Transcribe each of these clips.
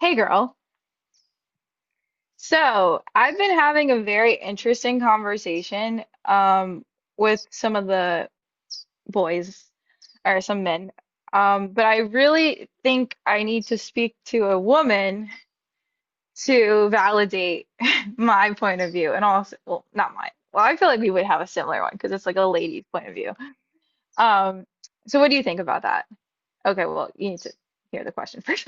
Hey girl. So, I've been having a very interesting conversation with some of the boys or some men. But I really think I need to speak to a woman to validate my point of view and also, well, not mine. Well, I feel like we would have a similar one because it's like a lady's point of view. Um, so what do you think about that? Okay, well, you need to hear the question first.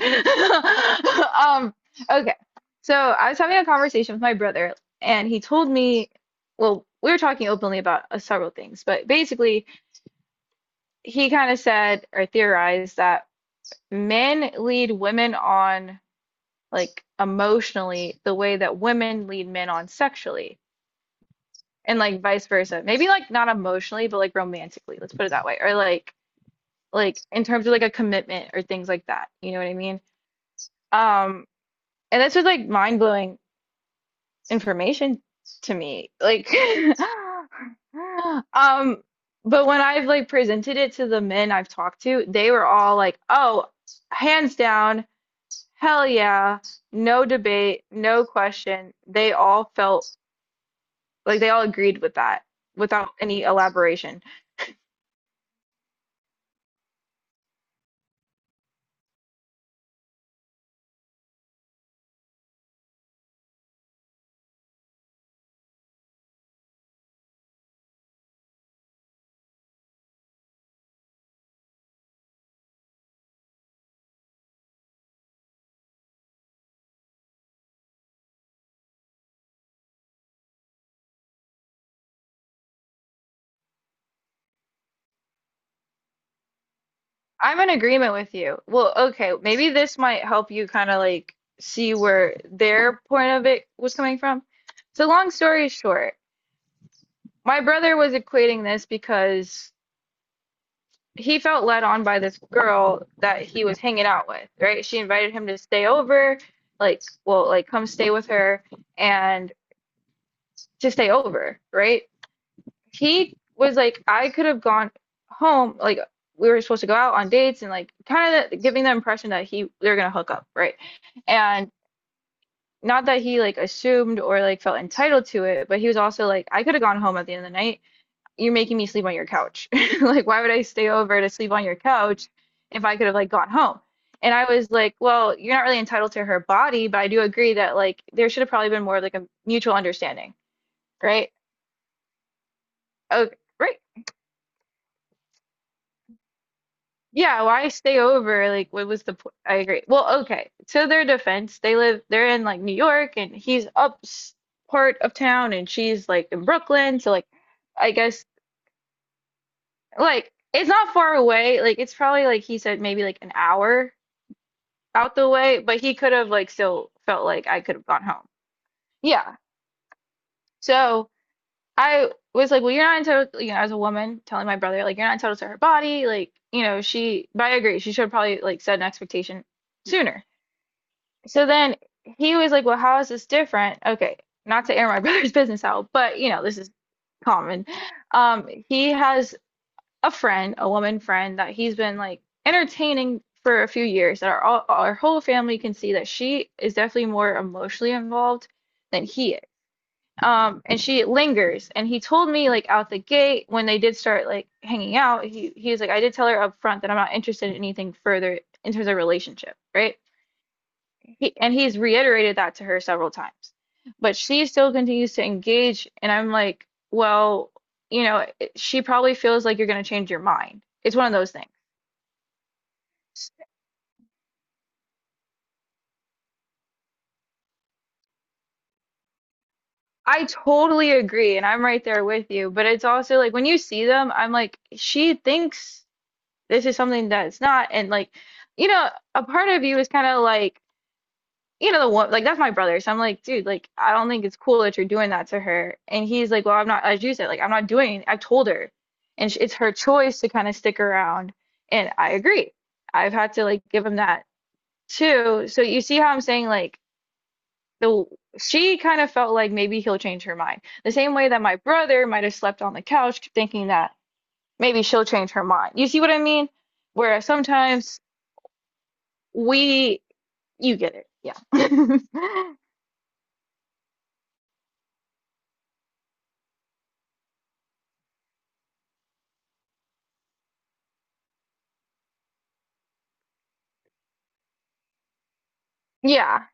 Um, okay. So I was having a conversation with my brother, and he told me, well, we were talking openly about several things, but basically, he kind of said or theorized that men lead women on like emotionally the way that women lead men on sexually, and like vice versa. Maybe like not emotionally, but like romantically, let's put it that way, or like in terms of like a commitment or things like that. You know what I mean? Um, And that's just like mind-blowing information to me. Like, um, but when I've like presented it to the men I've talked to, they were all like, "Oh, hands down, hell yeah, no debate, no question." They all felt like they all agreed with that without any elaboration. I'm in agreement with you. Well, okay, maybe this might help you kind of like see where their point of it was coming from. So long story short, my brother was equating this because he felt led on by this girl that he was hanging out with, right? She invited him to stay over, like, well, like come stay with her and to stay over, right? He was like, I could have gone home, like we were supposed to go out on dates and like kind of giving the impression that he they're gonna hook up, right? And not that he like assumed or like felt entitled to it, but he was also like, I could have gone home at the end of the night you're making me sleep on your couch. Like, why would I stay over to sleep on your couch if I could have like gone home? And I was like, well, you're not really entitled to her body, but I do agree that like there should have probably been more of like a mutual understanding, right? Okay, right. Yeah, why stay over? Like, what was the point? I agree. Well, okay. To their defense, they live, they're in like New York and he's up s- part of town and she's like in Brooklyn. So like, I guess like it's not far away. Like, it's probably like he said maybe like an hour out the way, but he could have like still felt like I could have gone home. Yeah. So I was like, well, you're not entitled, you know, as a woman telling my brother, like, you're not entitled to her body. Like, you know, she, but I agree, she should have probably like set an expectation sooner. So then he was like, well, how is this different? Okay. Not to air my brother's business out, but you know, this is common. He has a friend, a woman friend that he's been like entertaining for a few years that our whole family can see that she is definitely more emotionally involved than he is. And she lingers. And he told me like out the gate when they did start like hanging out, he was like, I did tell her up front that I'm not interested in anything further in terms of relationship, right? And he's reiterated that to her several times. But she still continues to engage, and I'm like, well, you know, she probably feels like you're going to change your mind. It's one of those things. I totally agree, and I'm right there with you. But it's also like when you see them, I'm like, she thinks this is something that it's not. And like, you know, a part of you is kind of like, you know the one like that's my brother, so I'm like, dude, like I don't think it's cool that you're doing that to her. And he's like, well I'm not, as you said, like I'm not doing, I've told her, and sh it's her choice to kind of stick around, and I agree. I've had to like give him that too. So you see how I'm saying like the she kind of felt like maybe he'll change her mind the same way that my brother might have slept on the couch thinking that maybe she'll change her mind. You see what I mean? Whereas sometimes we you get it, yeah. Yeah,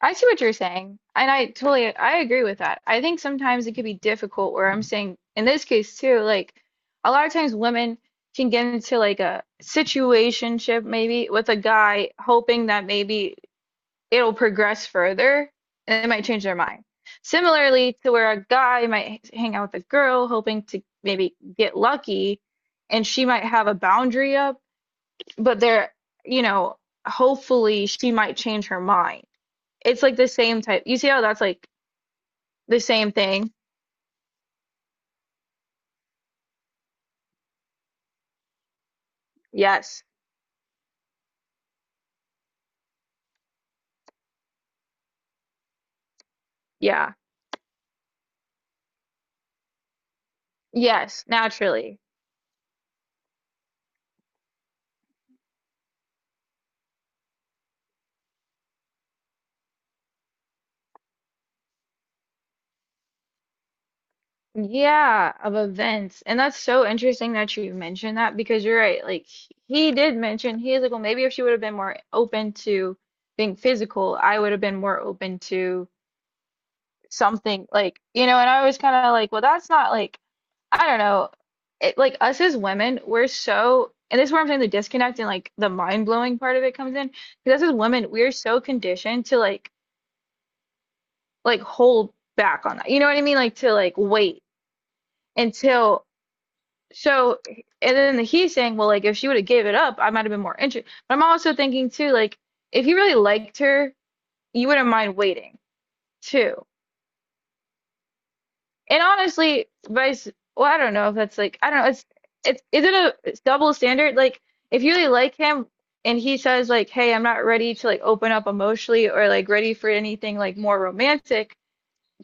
I see what you're saying, and I agree with that. I think sometimes it could be difficult where I'm saying in this case too, like a lot of times women can get into like a situationship maybe with a guy hoping that maybe it'll progress further and it might change their mind. Similarly to where a guy might hang out with a girl hoping to maybe get lucky and she might have a boundary up, but they're, you know, hopefully she might change her mind. It's like the same type. You see how that's like the same thing? Yes. Yeah. Yes. Naturally. Yeah. Of events. And that's so interesting that you mentioned that because you're right. Like he did mention, he is like, well, maybe if she would have been more open to being physical, I would have been more open to something like, you know, and I was kind of like, well, that's not like I don't know. It, like us as women, we're so, and this is where I'm saying the disconnect and like the mind blowing part of it comes in. Because us as women, we're so conditioned to like hold back on that. You know what I mean? Like to like wait until so. And then the, he's saying, well, like if she would have gave it up, I might have been more interested. But I'm also thinking too, like if he really liked her, you wouldn't mind waiting too. And honestly, vice, well, I don't know if that's like, I don't know. Is it a it's double standard? Like, if you really like him and he says, like, hey, I'm not ready to like open up emotionally or like ready for anything like more romantic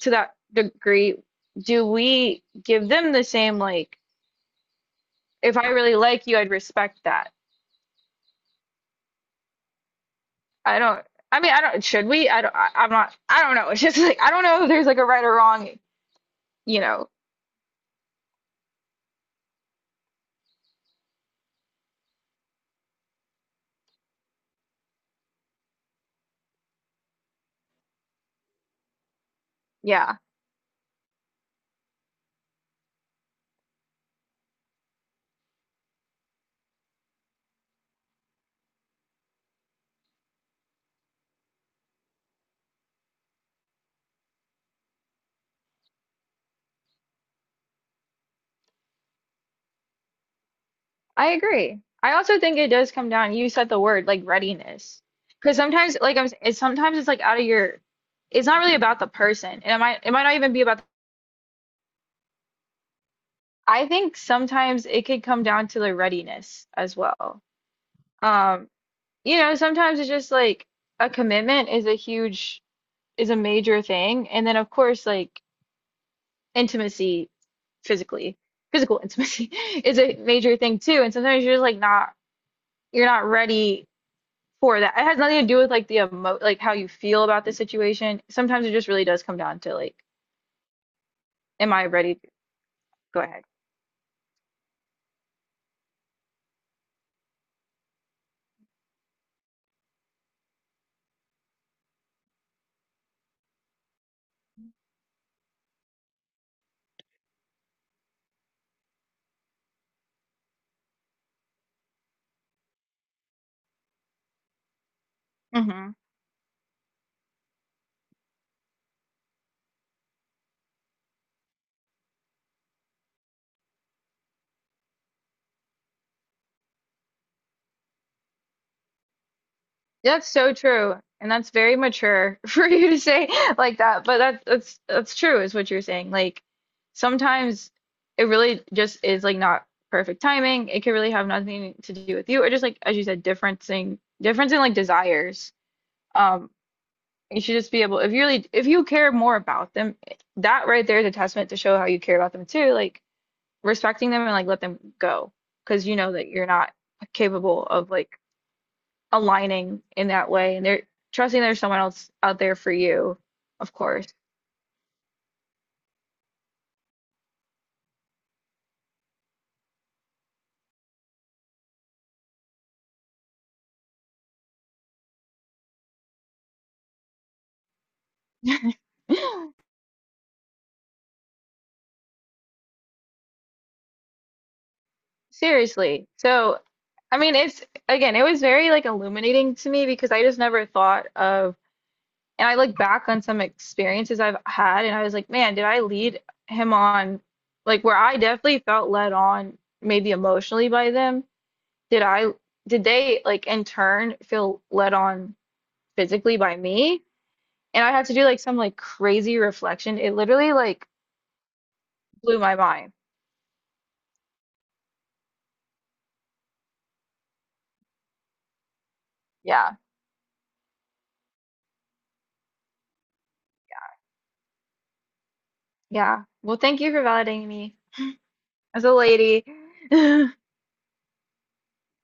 to that degree, do we give them the same, like, if I really like you, I'd respect that? I don't, I mean, I don't, should we? I'm not, I don't know. It's just like, I don't know if there's like a right or wrong, you know, yeah. I agree. I also think it does come down. You said the word like readiness, because sometimes, like it's sometimes it's like out of your. It's not really about the person, and it might not even be about. The, I think sometimes it could come down to the readiness as well. Um, you know, sometimes it's just like a commitment is a huge is a major thing, and then of course like intimacy, physically, physical intimacy is a major thing too. And sometimes you're just like not you're not ready for that. It has nothing to do with like the emo like how you feel about the situation. Sometimes it just really does come down to like, am I ready to go ahead? Hmm That's so true. And that's very mature for you to say like that. But that's true is what you're saying. Like sometimes it really just is like not perfect timing. It could really have nothing to do with you or just like as you said, differencing difference in like desires. Um You should just be able, if you really, if you care more about them, that right there is a testament to show how you care about them too. Like respecting them and like let them go, because you know that you're not capable of like aligning in that way, and they're trusting there's someone else out there for you, of course. Seriously. So, I mean, it's again, it was very like illuminating to me because I just never thought of. And I look back on some experiences I've had, and I was like, man, did I lead him on, like, where I definitely felt led on, maybe emotionally by them? Did I, did they, like, in turn feel led on physically by me? And I had to do like some like crazy reflection. It literally like blew my mind. Yeah. Yeah. Well, thank you for validating me as a lady.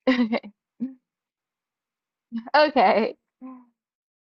Okay. Okay.